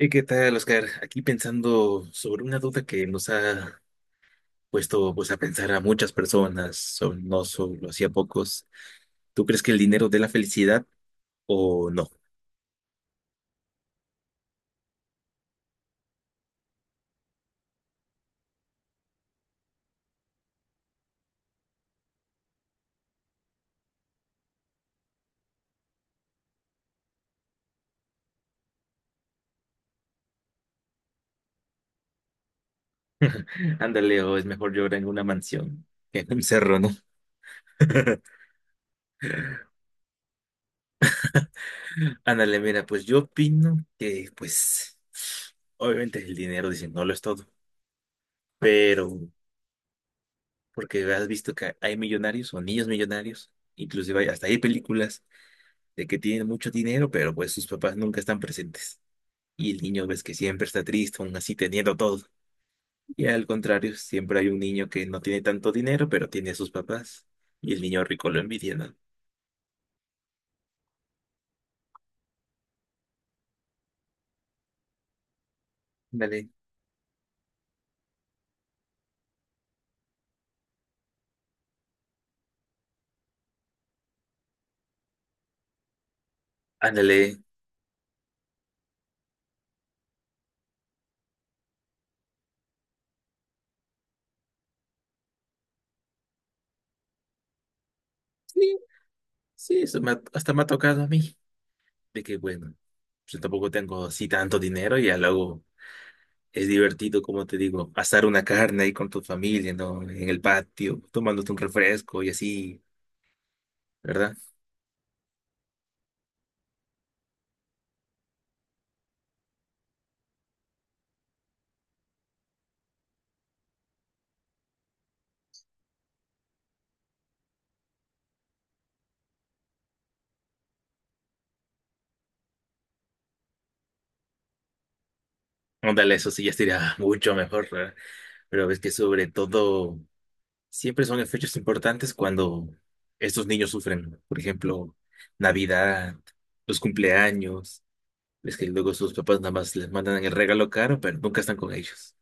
¿Y qué tal, Oscar? Aquí pensando sobre una duda que nos ha puesto pues, a pensar a muchas personas, no solo así a pocos. ¿Tú crees que el dinero dé la felicidad o no? Ándale, o es mejor llorar en una mansión que en un cerro, ¿no? Ándale, mira, pues yo opino que, pues, obviamente el dinero, dicen, no lo es todo, pero porque has visto que hay millonarios o niños millonarios, inclusive hasta hay películas de que tienen mucho dinero, pero pues sus papás nunca están presentes. Y el niño ves que siempre está triste, aún así teniendo todo. Y al contrario, siempre hay un niño que no tiene tanto dinero, pero tiene a sus papás. Y el niño rico lo envidia, ¿no? Ándale, ándale. Sí, sí, eso hasta me ha tocado a mí. De que, bueno, yo tampoco tengo así tanto dinero y ya luego es divertido, como te digo, asar una carne ahí con tu familia, ¿no? En el patio, tomándote un refresco y así, ¿verdad? Ándale, eso sí ya sería mucho mejor, ¿verdad? Pero ves que sobre todo... siempre son en fechas importantes cuando estos niños sufren. Por ejemplo, Navidad, los cumpleaños. Es que luego sus papás nada más les mandan el regalo caro, pero nunca están con ellos.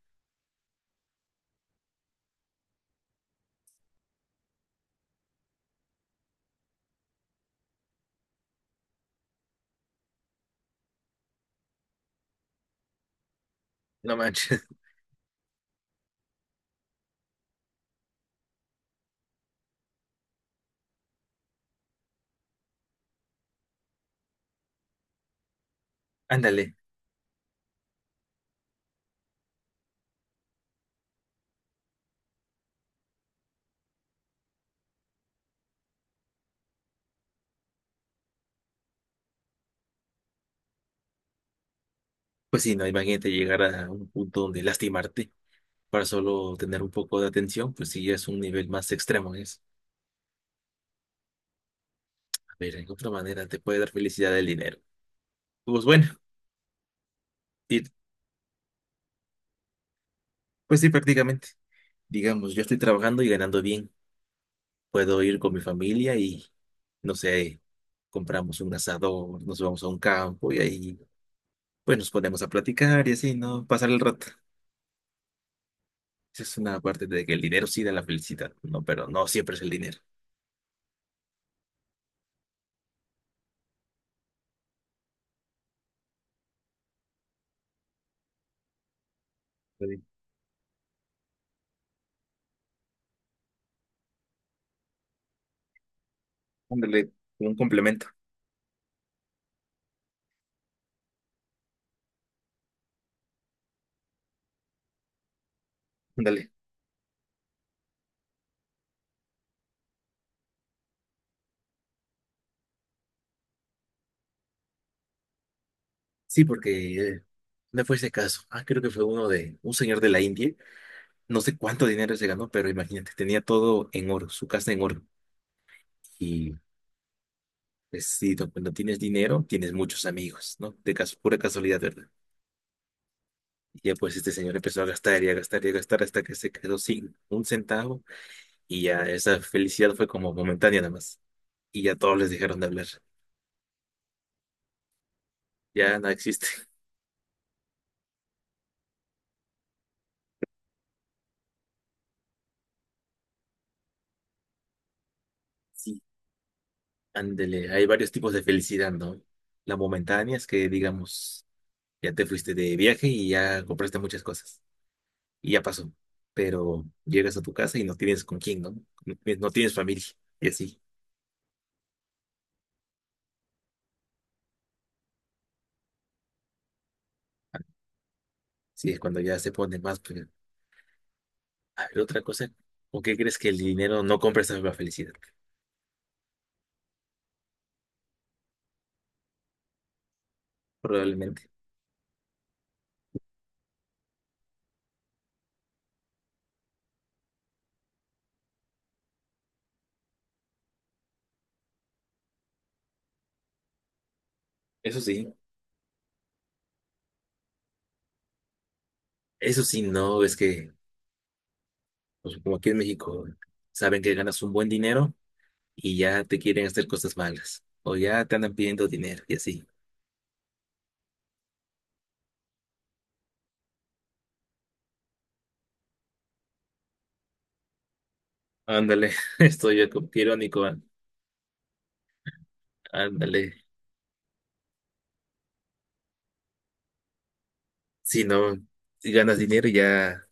No manches. Ándale. Pues sí, no, imagínate llegar a un punto donde lastimarte para solo tener un poco de atención, pues sí, ya es un nivel más extremo eso. A ver, en otra manera te puede dar felicidad el dinero. Pues bueno, y- pues sí, prácticamente. Digamos, yo estoy trabajando y ganando bien. Puedo ir con mi familia y no sé, compramos un asador, nos vamos a un campo y ahí pues nos ponemos a platicar y así, ¿no? Pasar el rato. Esa es una parte de que el dinero sí da la felicidad, ¿no? Pero no siempre es el dinero. Sí. Ándale, como un complemento, ándale. Sí, porque me fue ese caso. Ah, creo que fue uno de un señor de la India. No sé cuánto dinero se ganó, pero imagínate, tenía todo en oro, su casa en oro. Y pues sí, cuando tienes dinero, tienes muchos amigos, ¿no? De caso, pura casualidad, ¿verdad? Y ya pues este señor empezó a gastar y a gastar y a gastar hasta que se quedó sin un centavo y ya esa felicidad fue como momentánea nada más. Y ya todos les dejaron de hablar. Ya no existe. Sí, ándele, hay varios tipos de felicidad, ¿no? La momentánea es que, digamos, ya te fuiste de viaje y ya compraste muchas cosas y ya pasó. Pero llegas a tu casa y no tienes con quién, ¿no? No tienes familia y así. Sí, es cuando ya se pone más. Pero, a ver, otra cosa, ¿o qué crees que el dinero no compra esa misma felicidad? Probablemente. Eso sí, eso sí, no, es que, pues, como aquí en México, saben que ganas un buen dinero y ya te quieren hacer cosas malas, o ya te andan pidiendo dinero y así. Ándale, estoy yo como que irónico, ándale. Si no, si ganas dinero ya,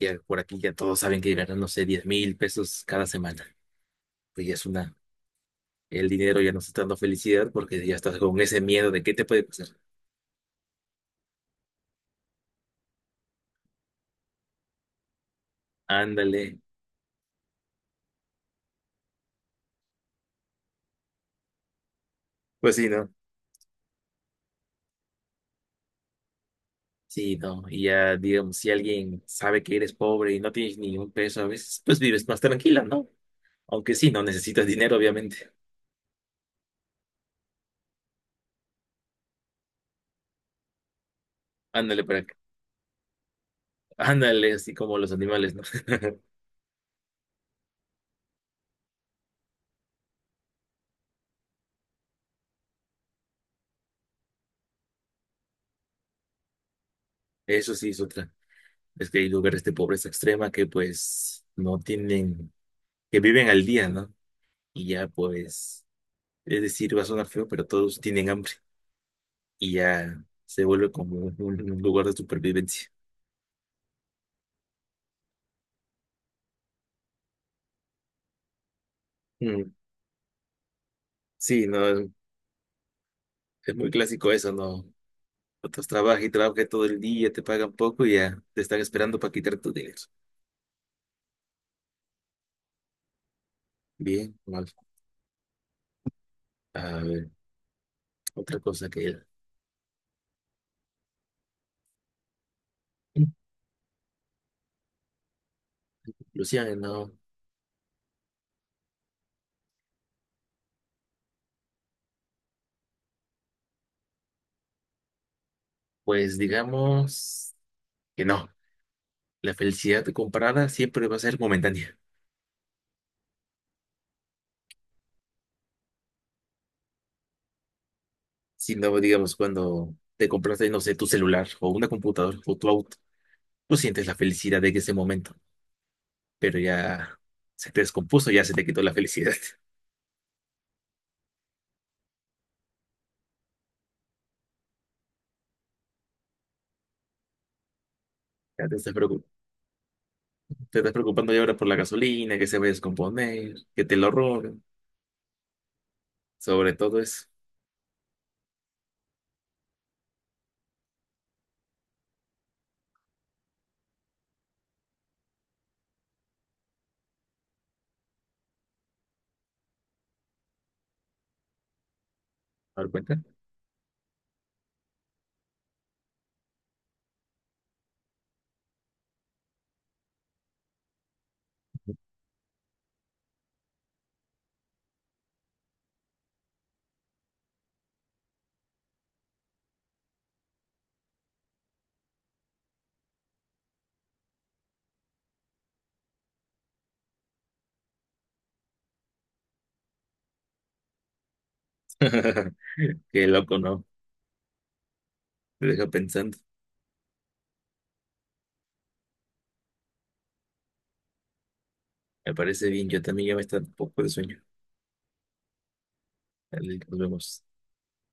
ya por aquí ya todos saben que ganan, no sé, 10,000 pesos cada semana. Pues ya es una, el dinero ya no está dando felicidad porque ya estás con ese miedo de qué te puede pasar. Ándale, pues sí, ¿no? Sí, no, y ya digamos, si alguien sabe que eres pobre y no tienes ni un peso a veces, pues vives más tranquila, ¿no? Aunque sí, no necesitas dinero, obviamente. Ándale para acá. Ándale, así como los animales, ¿no? Eso sí es otra. Es que hay lugares de pobreza extrema que pues no tienen, que viven al día, ¿no? Y ya pues, es decir, va a sonar feo, pero todos tienen hambre y ya se vuelve como un lugar de supervivencia. Mm, sí, no, es muy clásico eso, ¿no? Otros trabajan y trabajan todo el día, te pagan poco y ya te están esperando para quitar tu dinero. Bien, mal. A ver, otra cosa que Luciana, no. Pues digamos que no. La felicidad comprada siempre va a ser momentánea. Si no, digamos, cuando te compraste, no sé, tu celular o una computadora o tu auto, tú sientes la felicidad de ese momento, pero ya se te descompuso, ya se te quitó la felicidad. Ya te estás preocup- Te estás preocupando ya ahora por la gasolina, que se va a descomponer, que te lo roben. Sobre todo eso. ¿Dar cuenta? Qué loco, ¿no? Te deja pensando. Me parece bien. Yo también ya me está un poco de sueño. Dale, nos vemos.